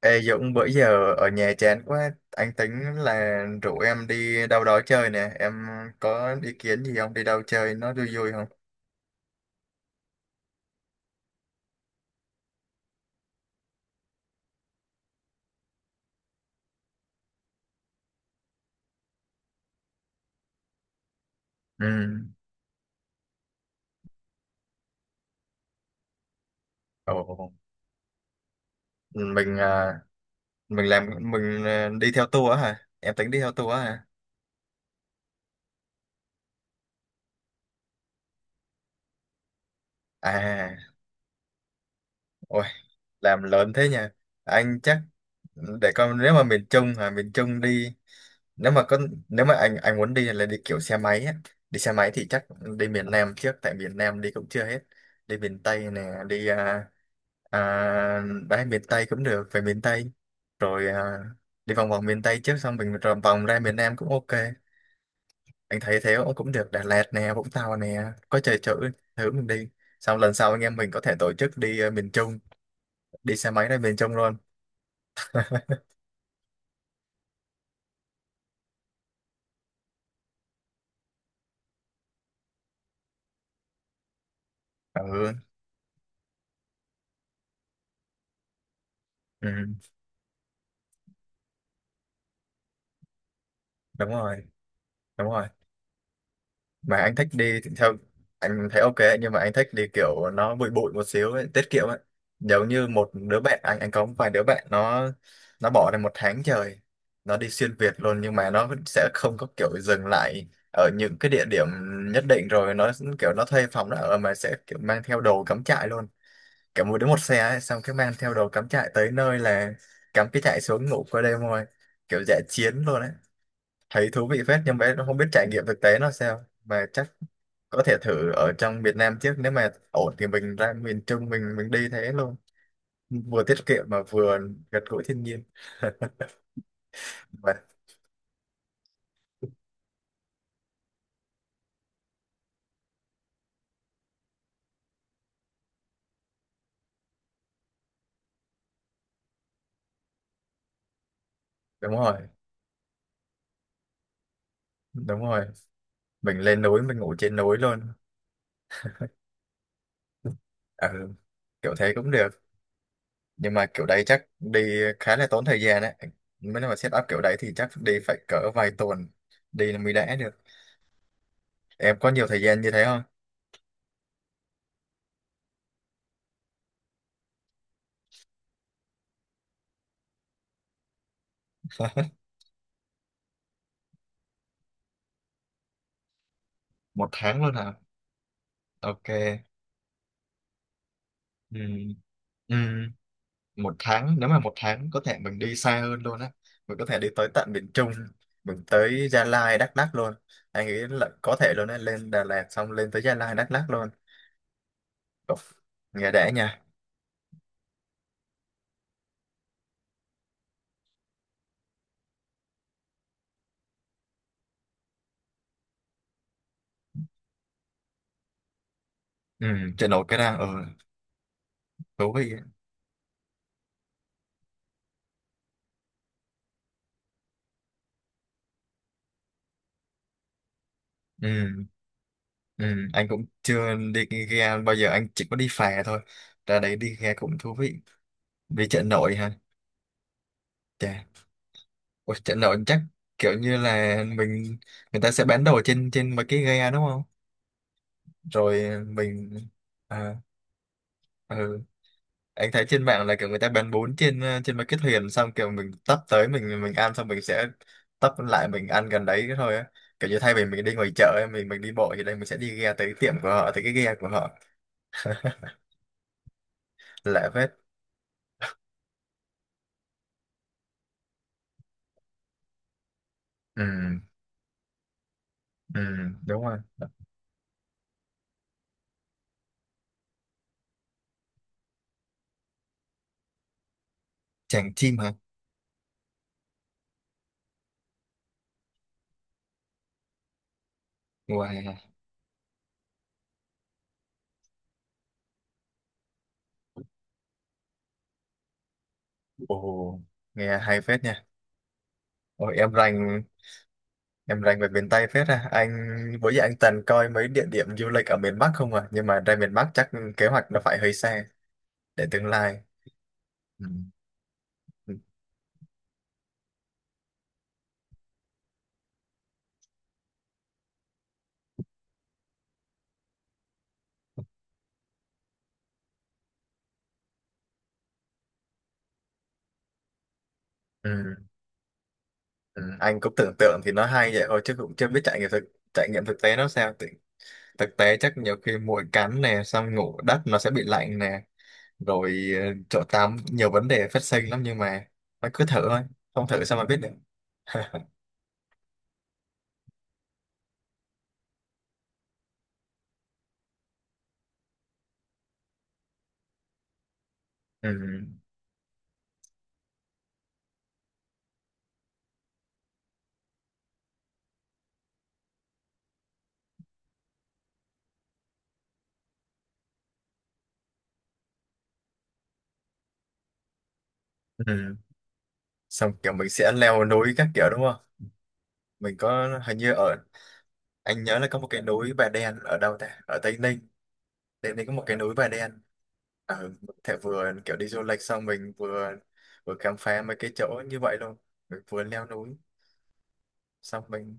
Ê Dũng, bữa giờ ở nhà chán quá, anh tính là rủ em đi đâu đó chơi nè, em có ý kiến gì không? Đi đâu chơi nó vui vui không? Ừ, ồ, mình à, mình làm mình à, đi theo tour á hả? Em tính đi theo tour á hả? À, ôi, làm lớn thế nhỉ? Anh chắc để coi, nếu mà miền Trung hả, miền Trung đi. Nếu mà có nếu mà anh muốn đi là đi kiểu xe máy á. Đi xe máy thì chắc đi miền Nam trước, tại miền Nam đi cũng chưa hết. Đi miền Tây nè, đi à, à, ra miền Tây cũng được, về miền Tây rồi à, đi vòng vòng miền Tây trước xong mình rồi vòng ra miền Nam cũng ok. Anh thấy thế cũng cũng được. Đà Lạt nè, Vũng Tàu nè, có chơi chữ thử mình đi, xong lần sau anh em mình có thể tổ chức đi miền Trung, đi xe máy ra miền Trung luôn. Ừ, ừ. Đúng rồi, đúng rồi. Mà anh thích đi thì theo. Anh thấy ok ấy, nhưng mà anh thích đi kiểu nó bụi bụi một xíu ấy, tiết kiệm ấy. Giống như một đứa bạn anh có một vài đứa bạn, nó bỏ ra một tháng trời nó đi xuyên Việt luôn, nhưng mà nó sẽ không có kiểu dừng lại ở những cái địa điểm nhất định. Rồi nó kiểu nó thuê phòng nó ở, mà sẽ kiểu mang theo đồ cắm trại luôn. Kiểu mỗi đứa một xe ấy, xong cái mang theo đồ cắm trại tới nơi là cắm cái trại xuống ngủ qua đêm thôi, kiểu dã chiến luôn ấy. Thấy thú vị phết, nhưng mà em không biết trải nghiệm thực tế nó sao, mà chắc có thể thử ở trong Việt Nam trước, nếu mà ổn thì mình ra miền Trung mình đi thế luôn, vừa tiết kiệm mà vừa gần gũi thiên nhiên. Vậy, đúng rồi, đúng rồi. Mình lên núi mình ngủ trên núi luôn. Ừ, kiểu thế cũng được. Nhưng mà kiểu đấy chắc đi khá là tốn thời gian đấy, mới nói mà set up kiểu đấy thì chắc đi phải cỡ vài tuần đi là mới đã được. Em có nhiều thời gian như thế không? Một tháng luôn hả? Ok. Ừ. Ừ. Một tháng, nếu mà một tháng có thể mình đi xa hơn luôn á, mình có thể đi tới tận miền Trung, mình tới Gia Lai, Đắk Lắk luôn. Anh nghĩ là có thể luôn á, lên Đà Lạt xong lên tới Gia Lai, Đắk Lắk luôn. Ồ, nghe đã nha. Ừ, trên nổi cái đang ở. Thú vị. Ừ, ừ, anh cũng chưa đi ghe bao giờ, anh chỉ có đi phà thôi. Ra đấy đi ghe cũng thú vị. Đi chợ nổi ha. Chà. Ôi, chợ nổi chắc kiểu như là mình, người ta sẽ bán đồ trên trên mấy cái ghe đúng không? Rồi mình à, ừ. Anh thấy trên mạng là kiểu người ta bán bún trên trên mấy cái thuyền, xong kiểu mình tấp tới mình ăn xong mình sẽ tấp lại mình ăn gần đấy thôi á. Kiểu như thay vì mình đi ngoài chợ ấy, mình đi bộ thì đây mình sẽ đi ghe tới tiệm của họ, tới cái ghe của họ. Lạ phết. Ừ, ừ. Đúng rồi. Tràng chim hả. Wow. Ồ. Nghe hay phết nha. Ôi, em rành. Em rành về miền Tây phết à anh. Bữa giờ anh toàn coi mấy địa điểm du lịch ở miền Bắc không à, nhưng mà ra miền Bắc chắc kế hoạch nó phải hơi xa, để tương lai. Ừ. Ừ. Ừ, anh cũng tưởng tượng thì nó hay vậy thôi chứ cũng chưa biết trải nghiệm thực, trải nghiệm thực tế nó sao thực, thực tế chắc nhiều khi muỗi cắn nè, xong ngủ đất nó sẽ bị lạnh nè, rồi chỗ tắm, nhiều vấn đề phát sinh lắm. Nhưng mà nó cứ thử thôi, không thử sao mà biết được. Ừ, ừ. Xong kiểu mình sẽ leo núi các kiểu đúng không? Mình có hình như ở, anh nhớ là có một cái núi Bà Đen ở đâu ta, ở Tây Ninh. Để thì có một cái núi bà đen ở, thể vừa kiểu đi du lịch xong mình vừa vừa khám phá mấy cái chỗ như vậy luôn, mình vừa leo núi xong mình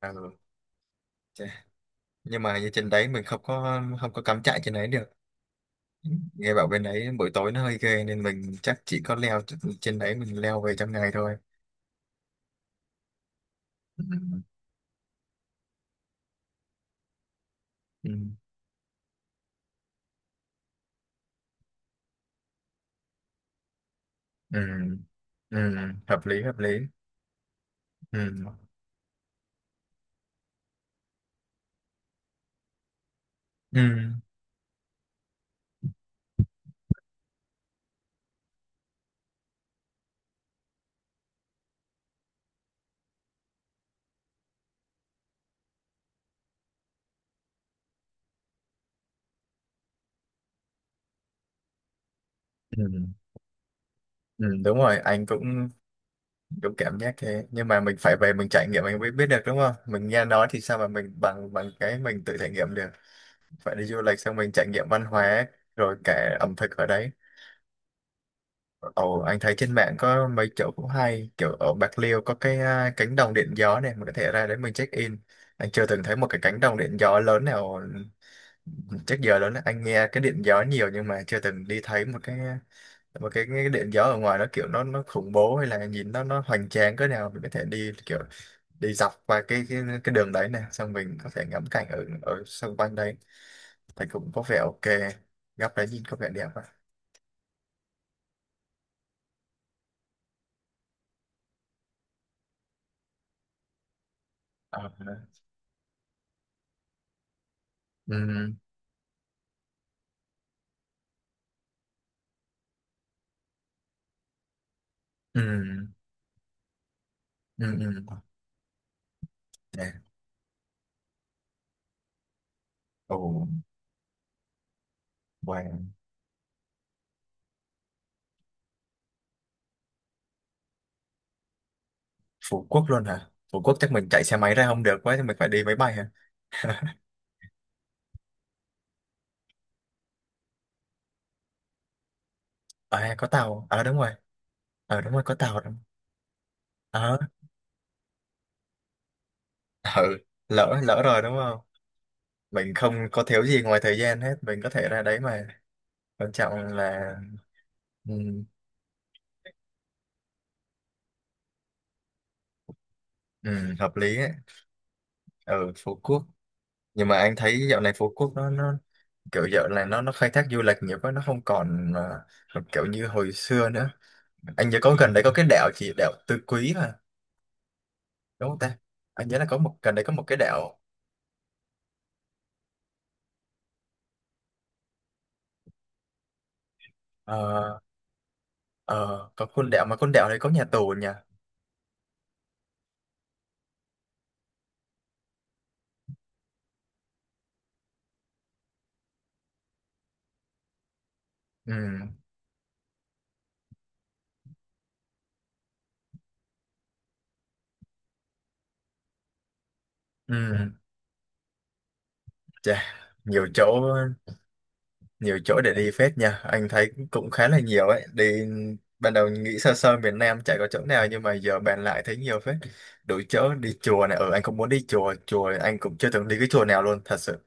ờ, chà. Nhưng mà như trên đấy mình không có cắm trại trên đấy được, nghe bảo bên đấy buổi tối nó hơi ghê nên mình chắc chỉ có leo trên đấy, mình leo về trong ngày thôi. Ừ. Ừ. Ừ. Ừ. Hợp lý, hợp lý. Ừ. Ừ. Ừ. Ừ. Đúng rồi, anh cũng đúng cảm giác thế. Nhưng mà mình phải về mình trải nghiệm mình mới biết được đúng không? Mình nghe nói thì sao mà mình bằng bằng cái mình tự trải nghiệm được. Phải đi du lịch xong mình trải nghiệm văn hóa rồi cả ẩm thực ở đấy. Ồ, anh thấy trên mạng có mấy chỗ cũng hay, kiểu ở Bạc Liêu có cái cánh đồng điện gió này mình có thể ra đấy mình check in. Anh chưa từng thấy một cái cánh đồng điện gió lớn nào trước giờ lớn, anh nghe cái điện gió nhiều nhưng mà chưa từng đi thấy một cái, mà cái điện gió ở ngoài nó kiểu nó khủng bố hay là nhìn nó hoành tráng cỡ nào. Mình có thể đi kiểu đi dọc qua cái đường đấy này xong mình có thể ngắm cảnh ở ở xung quanh đấy, thì cũng có vẻ ok. Góc đấy nhìn có vẻ đẹp á. Ờ. Ừ. Ừ. Ừ. Ừ. Nè. Ồ. Wow. Phú Quốc luôn hả? Phú Quốc chắc mình chạy xe máy ra không được quá thì mình phải đi máy bay hả? À, có tàu đúng rồi. Ờ đúng rồi, có tàu đúng. Ờ. Ừ. lỡ lỡ rồi đúng không? Mình không có thiếu gì ngoài thời gian hết, mình có thể ra đấy mà. Quan trọng là. Ừ, ừ, hợp lý ấy. Ở Phú Quốc, nhưng mà anh thấy dạo này Phú Quốc nó kiểu dạo này nó khai thác du lịch nhiều quá, nó không còn kiểu như hồi xưa nữa. Anh nhớ có gần đấy có cái đảo, chỉ đảo Tứ Quý mà, đúng không ta. Anh nhớ là có một gần đấy có một cái đảo. Ờ, ờ, có con đảo mà con đảo đấy có nhà tù nhỉ. Ừ. Ừ. Chà. Nhiều chỗ, nhiều chỗ để đi phết nha, anh thấy cũng khá là nhiều ấy đi. Ban đầu nghĩ sơ sơ miền Nam chả có chỗ nào nhưng mà giờ bàn lại thấy nhiều phết. Đủ chỗ đi. Chùa này, ừ anh cũng muốn đi chùa. Chùa anh cũng chưa từng đi cái chùa nào luôn thật sự.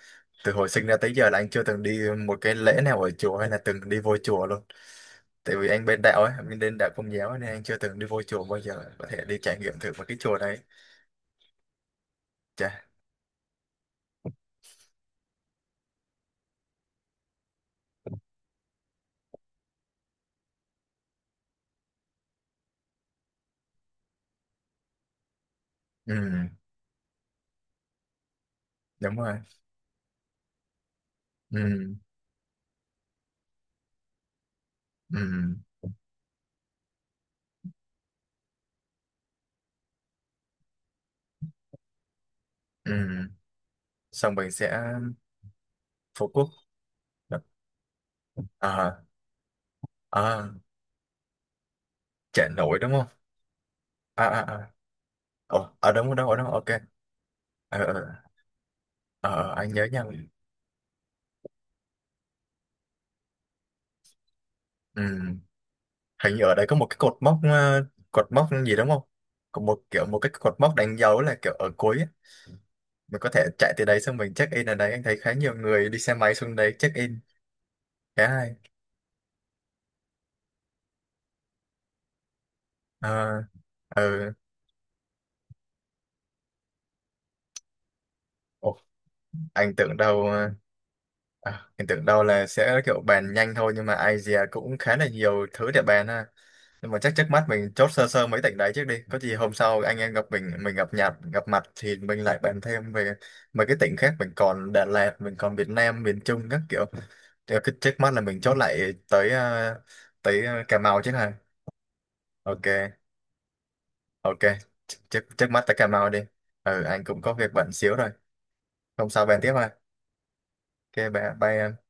Từ hồi sinh ra tới giờ là anh chưa từng đi một cái lễ nào ở chùa hay là từng đi vô chùa luôn. Tại vì anh bên đạo ấy, anh bên đạo Công giáo ấy, nên anh chưa từng đi vô chùa bao giờ, có thể đi trải nghiệm thử một cái chùa đấy. Chà. Ừ, đúng rồi. Ừ. Ừ. Ừ. Xong mình sẽ Phú Quốc. À, à. Chợ nổi đúng không? À, à, à. Ồ, ở đúng, ở đúng, ở đúng, ok. Ờ ờ ờ, ờ, anh nhớ nha. Ừ. Hình như ở đây có một cái cột mốc cột mốc gì đúng không? Có một kiểu một cái cột mốc đánh dấu là kiểu ở cuối á. Mình có thể chạy từ đấy, xong mình check in ở đấy. Anh thấy khá nhiều người đi xe máy xuống đấy check in. Khá hay. Ờ. Ừ. Ồ, anh tưởng đâu ờ, anh tưởng đâu là sẽ kiểu bàn nhanh thôi, nhưng mà Asia cũng khá là nhiều thứ để bàn ha. Nhưng mà chắc trước mắt mình chốt sơ sơ mấy tỉnh đấy trước đi, có gì hôm sau anh em gặp mình gặp Nhật, gặp mặt thì mình lại bàn thêm về mấy cái tỉnh khác. Mình còn Đà Lạt, mình còn Việt Nam miền Trung các kiểu. Thì cái trước mắt là mình chốt lại tới tới Cà Mau chứ hả? Ok. Ok, trước trước mắt tới Cà Mau đi. Ừ, anh cũng có việc bận xíu rồi. Hôm sau bàn tiếp ha. Ok bye bye.